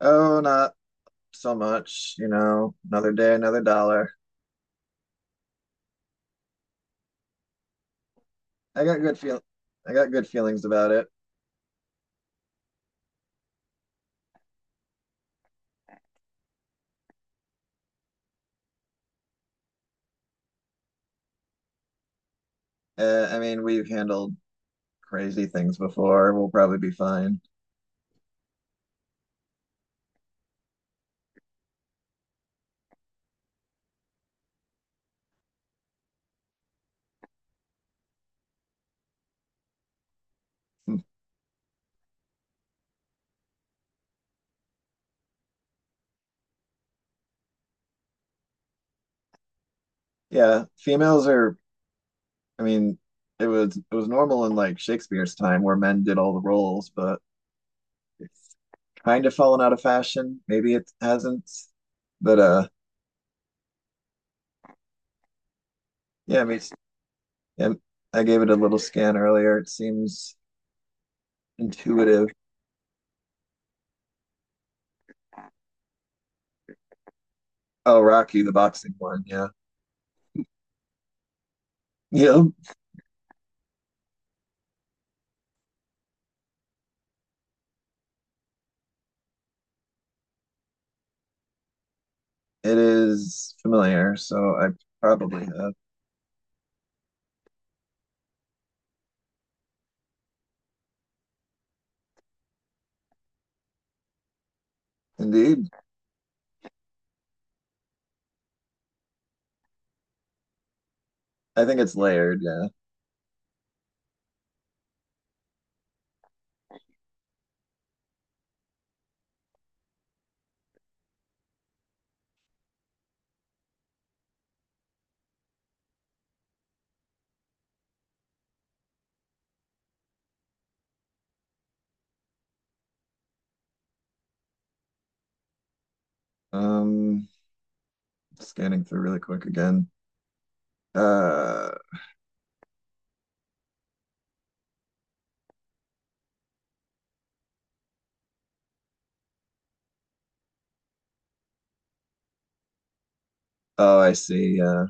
Oh, not so much, another day, another dollar. I got good feel I got good feelings about it. I mean, we've handled crazy things before. We'll probably be fine. Yeah, females are. I mean, it was normal in like Shakespeare's time where men did all the roles, but it's kind of fallen out of fashion. Maybe it hasn't, but yeah. I mean, yeah, I gave it a little scan earlier. It seems intuitive. Oh, Rocky, the boxing one. Yeah, yeah. It is familiar, so I probably have. Indeed. I think it's layered. Yeah. Um, Scanning through really quick again. Uh, oh, I see. Yeah.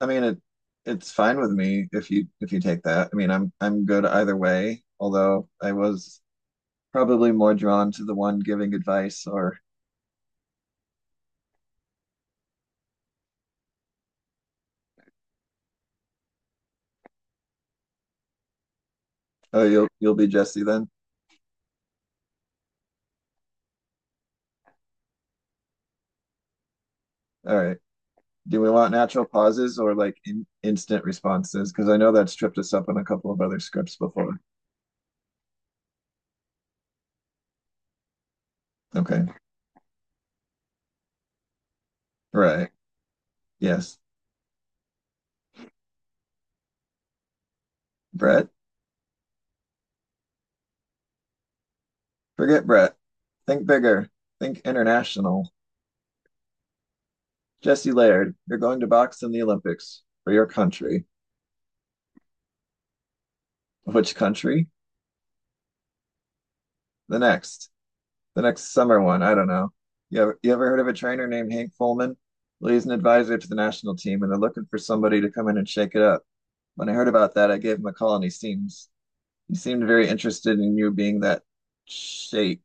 I mean it's fine with me if you take that. I mean I'm good either way, although I was probably more drawn to the one giving advice or. Oh, you'll be Jesse then. All right. Do we want natural pauses or like instant responses? Because I know that's tripped us up in a couple of other scripts before. Okay. Right. Yes. Brett. Forget Brett. Think bigger. Think international. Jesse Laird, you're going to box in the Olympics for your country. Which country? The next. The next summer one. I don't know. You ever heard of a trainer named Hank Fulman? Well, he's an advisor to the national team, and they're looking for somebody to come in and shake it up. When I heard about that, I gave him a call, and he seemed very interested in you being that shake.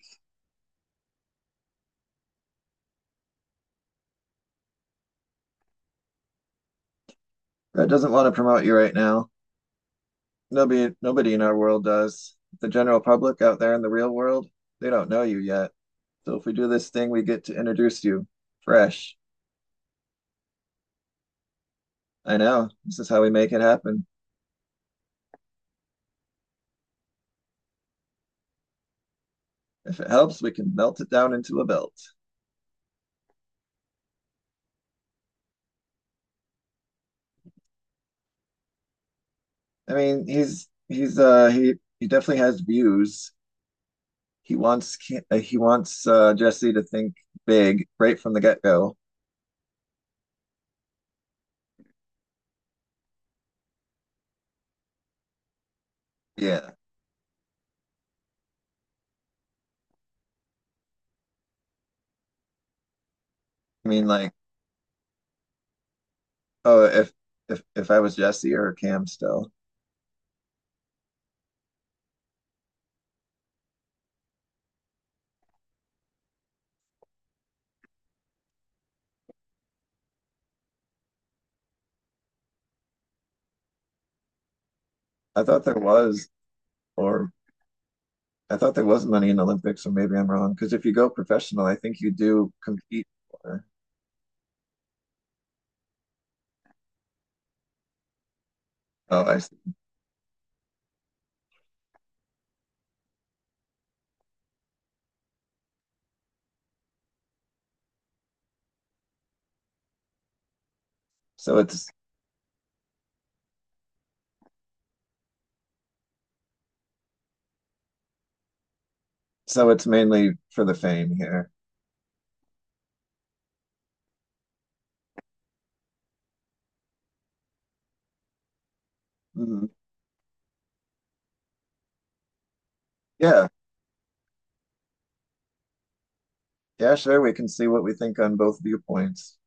Brett doesn't want to promote you right now. Nobody in our world does. The general public out there in the real world, they don't know you yet. So if we do this thing, we get to introduce you fresh. I know. This is how we make it happen. If it helps, we can melt it down into a belt. I mean, he definitely has views. He wants Jesse to think big right from the get-go. Yeah. I mean, like, oh, if if I was Jesse or Cam still. I thought there was or I thought there was money in Olympics, or maybe I'm wrong. Because if you go professional, I think you do compete for. Oh, I see. So it's so it's mainly for the fame here. Mhm. Yeah. Yeah, sure. We can see what we think on both viewpoints.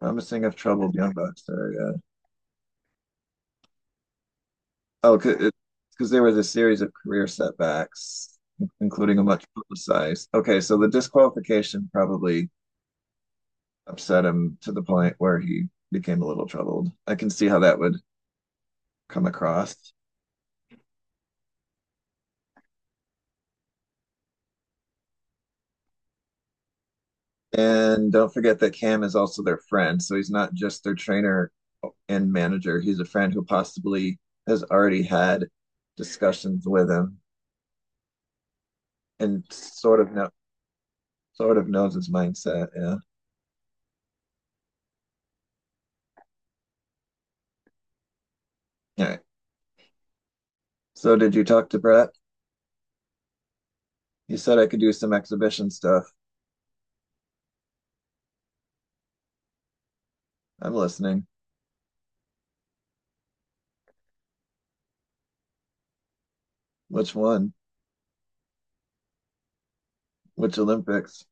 Promising of troubled young bucks there. Yeah. Oh, because there was a series of career setbacks, including a much publicized. Okay, so the disqualification probably upset him to the point where he became a little troubled. I can see how that would come across. And don't forget that Cam is also their friend, so he's not just their trainer and manager. He's a friend who possibly has already had discussions with him and sort of knows his mindset. Yeah. All right. So did you talk to Brett? You said I could do some exhibition stuff. I'm listening. Which one? Which Olympics?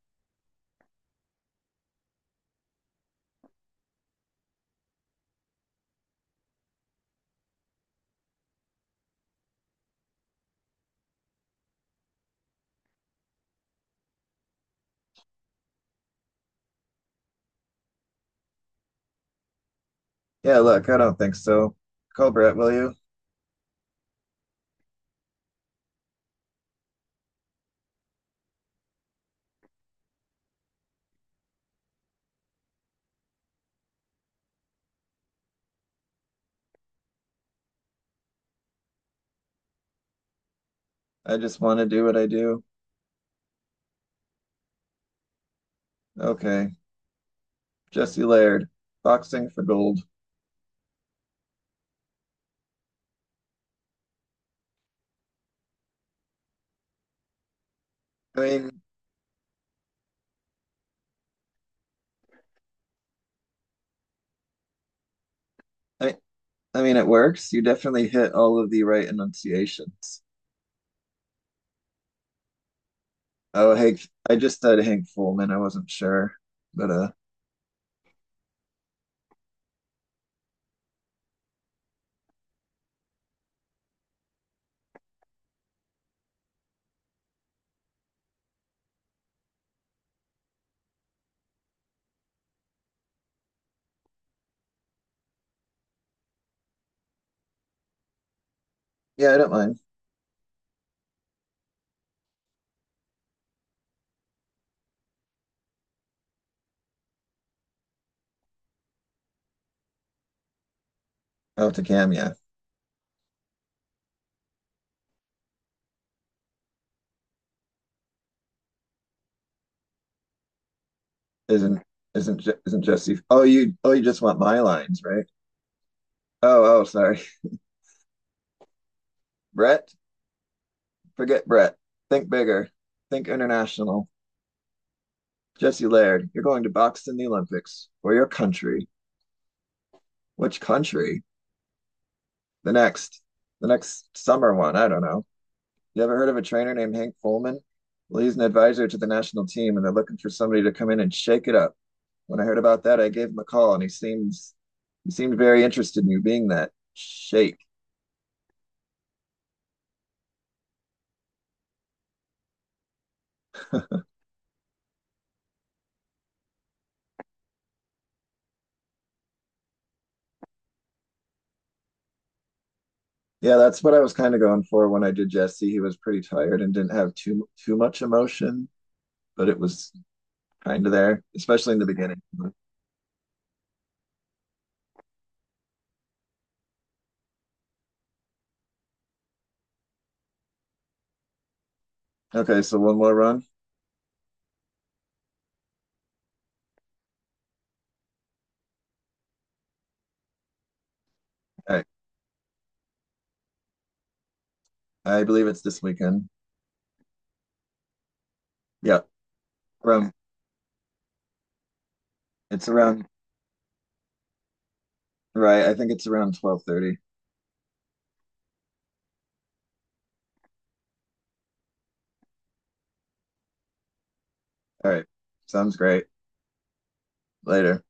Yeah, look, I don't think so. Call Brett, will you? I just want to do what I do. Okay. Jesse Laird, boxing for gold. I mean, I, I mean, it works. You definitely hit all of the right enunciations. Oh, Hank. I just said Hank Fullman. I wasn't sure, but yeah, I don't mind. Oh, to Cam, yeah. Isn't isn't isn't Jesse? Oh, you just want my lines, right? Oh, oh, sorry. Brett. Forget Brett. Think bigger. Think international. Jesse Laird, you're going to box in the Olympics for your country. Which country? The next, the next summer one. I don't know. You ever heard of a trainer named Hank Fullman? Well, he's an advisor to the national team, and they're looking for somebody to come in and shake it up. When I heard about that, I gave him a call, and he seemed very interested in you being that shake. Yeah, that's what I was kind of going for when I did Jesse. He was pretty tired and didn't have too much emotion, but it was kind of there, especially in the beginning. Okay, so one more run. All right, I believe it's this weekend. Yeah, around it's around, right? I think it's around 12:30. All right, sounds great. Later.